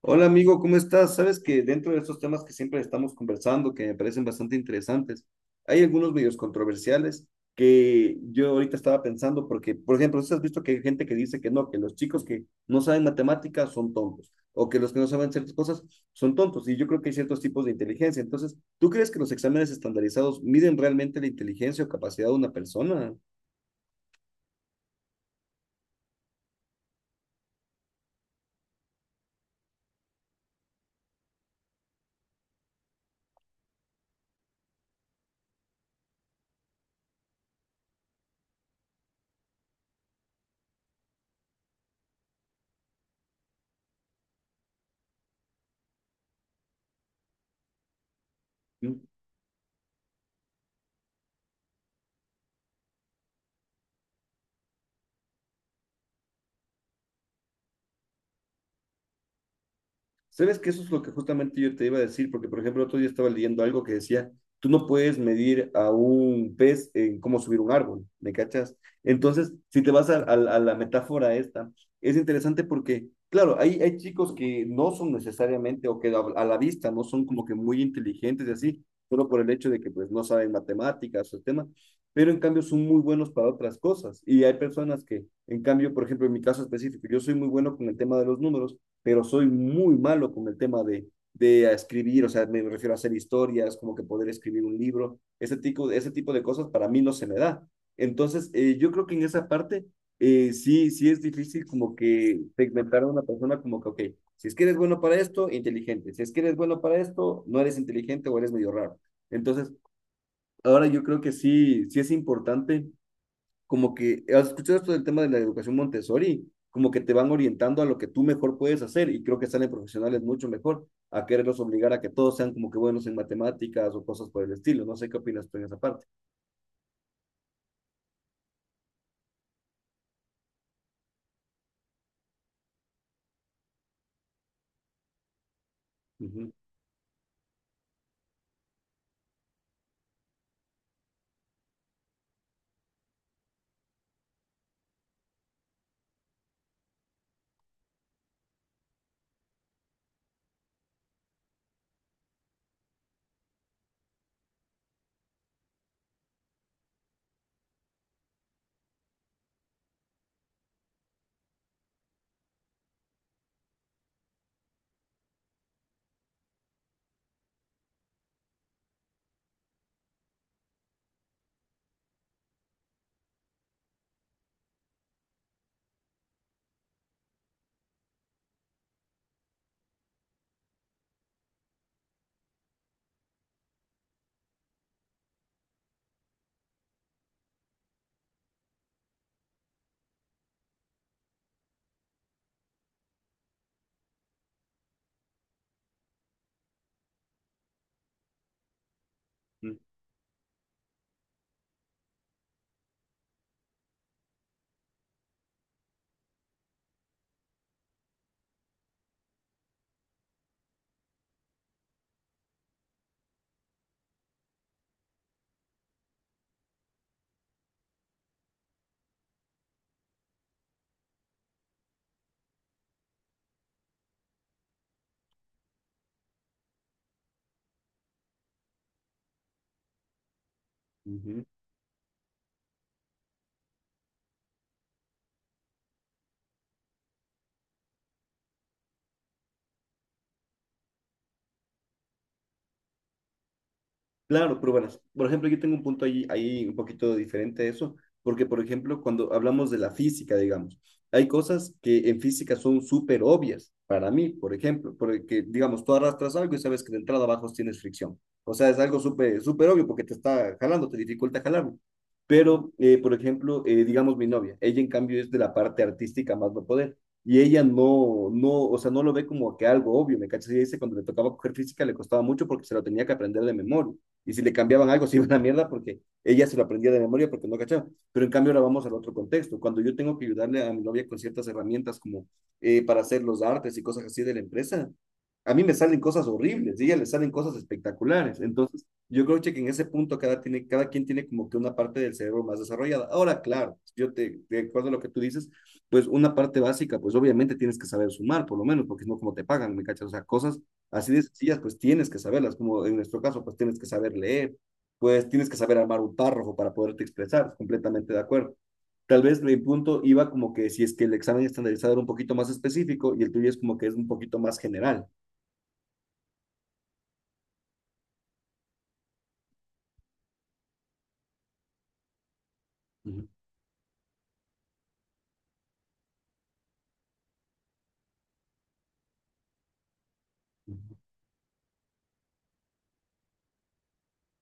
Hola amigo, ¿cómo estás? Sabes que dentro de estos temas que siempre estamos conversando, que me parecen bastante interesantes, hay algunos medios controversiales que yo ahorita estaba pensando, porque, por ejemplo, ¿sí has visto que hay gente que dice que no, que los chicos que no saben matemáticas son tontos, o que los que no saben ciertas cosas son tontos? Y yo creo que hay ciertos tipos de inteligencia. Entonces, ¿tú crees que los exámenes estandarizados miden realmente la inteligencia o capacidad de una persona? Sabes que eso es lo que justamente yo te iba a decir, porque por ejemplo, otro día estaba leyendo algo que decía, tú no puedes medir a un pez en cómo subir un árbol, ¿me cachas? Entonces, si te vas a, a la metáfora esta, es interesante porque, claro, hay chicos que no son necesariamente o que a la vista no son como que muy inteligentes y así, solo por el hecho de que pues no saben matemáticas o el tema, pero en cambio son muy buenos para otras cosas. Y hay personas que, en cambio, por ejemplo, en mi caso específico, yo soy muy bueno con el tema de los números pero soy muy malo con el tema de escribir, o sea, me refiero a hacer historias, como que poder escribir un libro, ese tipo de cosas para mí no se me da. Entonces, yo creo que en esa parte sí es difícil como que segmentar a una persona como que, ok, si es que eres bueno para esto, inteligente, si es que eres bueno para esto, no eres inteligente o eres medio raro. Entonces, ahora yo creo que sí es importante como que, ¿has escuchado esto del tema de la educación Montessori? Como que te van orientando a lo que tú mejor puedes hacer y creo que salen profesionales mucho mejor a quererlos obligar a que todos sean como que buenos en matemáticas o cosas por el estilo. No sé qué opinas tú en esa parte. Ujú, ujú, ujú. Claro, pero bueno, por ejemplo, yo tengo un punto ahí un poquito diferente a eso, porque por ejemplo, cuando hablamos de la física, digamos, hay cosas que en física son súper obvias para mí, por ejemplo, porque digamos, tú arrastras algo y sabes que de entrada abajo tienes fricción. O sea, es algo súper súper obvio porque te está jalando, te dificulta jalarlo. Pero, por ejemplo, digamos mi novia, ella en cambio es de la parte artística más no poder. Y ella o sea, no lo ve como que algo obvio, ¿me cachas? Ella dice, cuando le tocaba coger física le costaba mucho porque se lo tenía que aprender de memoria y si le cambiaban algo se iba a la mierda porque ella se lo aprendía de memoria porque no cachaba. Pero en cambio ahora vamos al otro contexto. Cuando yo tengo que ayudarle a mi novia con ciertas herramientas como para hacer los artes y cosas así de la empresa, a mí me salen cosas horribles y a ella le salen cosas espectaculares. Entonces, yo creo che, que en ese punto cada quien tiene como que una parte del cerebro más desarrollada. Ahora, claro, yo te acuerdo a lo que tú dices, pues una parte básica, pues obviamente tienes que saber sumar, por lo menos, porque es no como te pagan, ¿me cachas? O sea, cosas así de sencillas, pues tienes que saberlas, como en nuestro caso, pues tienes que saber leer, pues tienes que saber armar un párrafo para poderte expresar, completamente de acuerdo. Tal vez mi punto iba como que si es que el examen estandarizado era un poquito más específico y el tuyo es como que es un poquito más general. Ujú,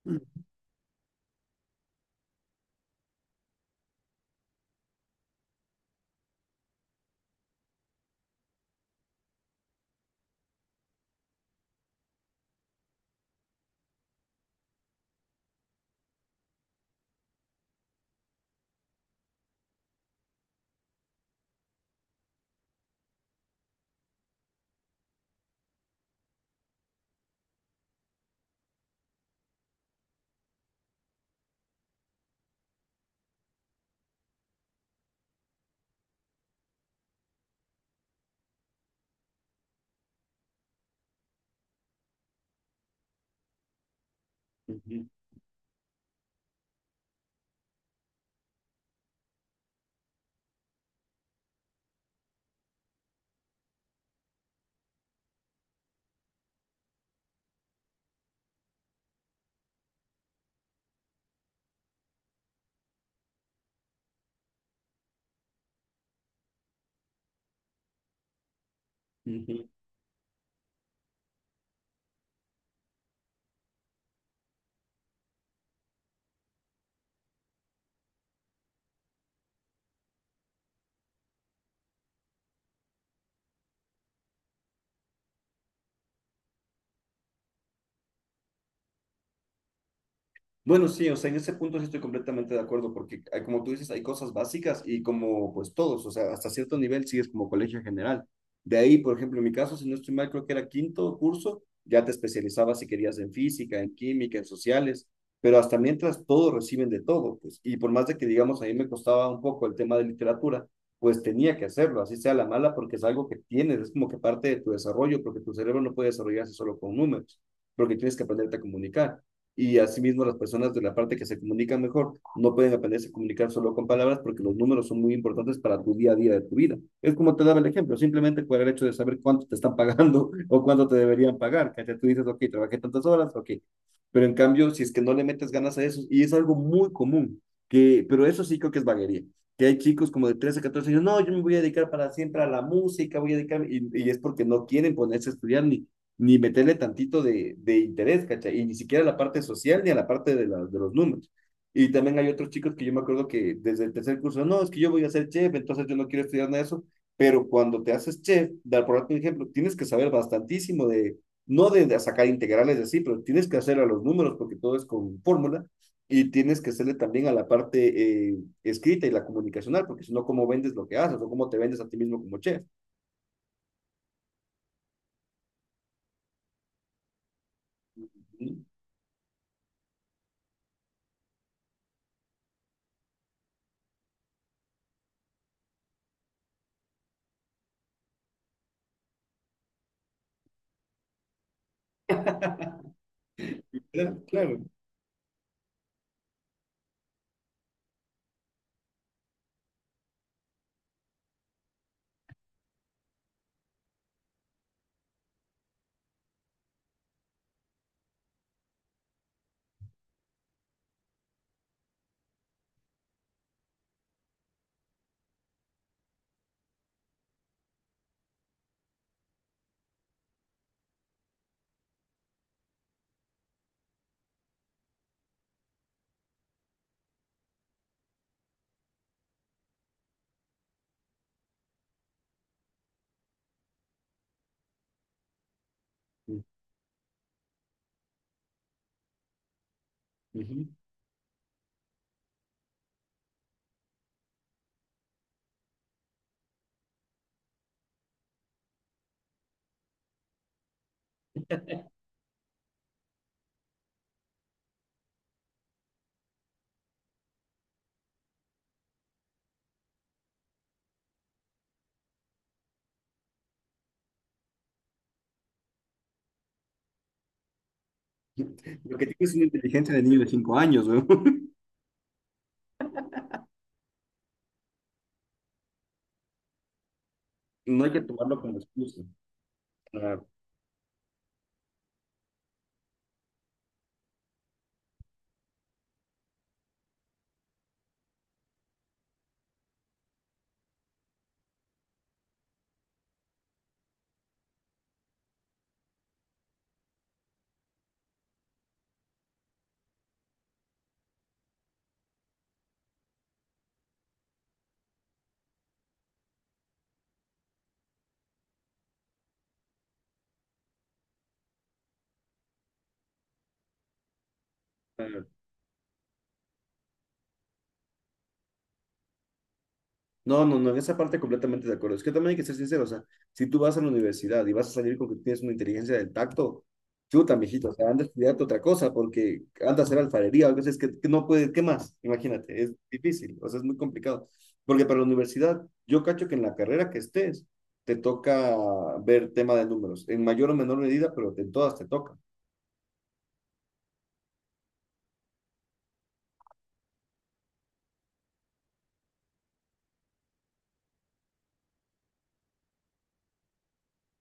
ujú, ujú, ujú. Bueno, sí, o sea, en ese punto sí estoy completamente de acuerdo, porque hay- como tú dices, hay cosas básicas y como pues todos, o sea, hasta cierto nivel sigues como colegio general. De ahí, por ejemplo, en mi caso, si no estoy mal, creo que era quinto curso, ya te especializabas si querías en física, en química, en sociales, pero hasta mientras todos reciben de todo, pues, y por más de que digamos, a mí me costaba un poco el tema de literatura, pues tenía que hacerlo, así sea la mala, porque es algo que tienes, es como que parte de tu desarrollo, porque tu cerebro no puede desarrollarse solo con números, porque tienes que aprenderte a comunicar y asimismo las personas de la parte que se comunican mejor no pueden aprenderse a comunicar solo con palabras porque los números son muy importantes para tu día a día de tu vida. Es como te daba el ejemplo, simplemente por el hecho de saber cuánto te están pagando o cuánto te deberían pagar, que tú dices, ok, trabajé tantas horas, ok. Pero en cambio, si es que no le metes ganas a eso, y es algo muy común, que, pero eso sí creo que es vaguería, que hay chicos como de 13 14 años, no, yo me voy a dedicar para siempre a la música, voy a dedicarme, y es porque no quieren ponerse a estudiar ni meterle tantito de interés, ¿cachai? Y ni siquiera a la parte social ni a la parte de los números. Y también hay otros chicos que yo me acuerdo que desde el tercer curso, no, es que yo voy a ser chef, entonces yo no quiero estudiar nada de eso, pero cuando te haces chef, dar por un ejemplo, tienes que saber bastantísimo no de sacar integrales de así, pero tienes que hacer a los números porque todo es con fórmula y tienes que hacerle también a la parte escrita y la comunicacional, porque si no, ¿cómo vendes lo que haces o cómo te vendes a ti mismo como chef? ¿No? Claro, claro. Uh -huh. Lo que tienes es una inteligencia de niño de 5 años, güey. No hay que tomarlo como excusa. Ah, ah. No, no, no, en esa parte completamente de acuerdo. Es que también hay que ser sincero, o sea, si tú vas a la universidad y vas a salir con que tienes una inteligencia del tacto, chuta, mijito, o sea, anda a estudiarte otra cosa porque anda a hacer alfarería, a veces que no puede, ¿qué más? Imagínate, es difícil, o sea, es muy complicado. Porque para la universidad, yo cacho que en la carrera que estés, te toca ver tema de números, en mayor o menor medida, pero en todas te toca.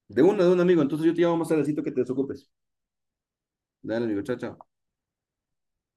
De uno, de un amigo. Entonces yo te llamo más tardecito que te desocupes. Dale, amigo. Chao, chao.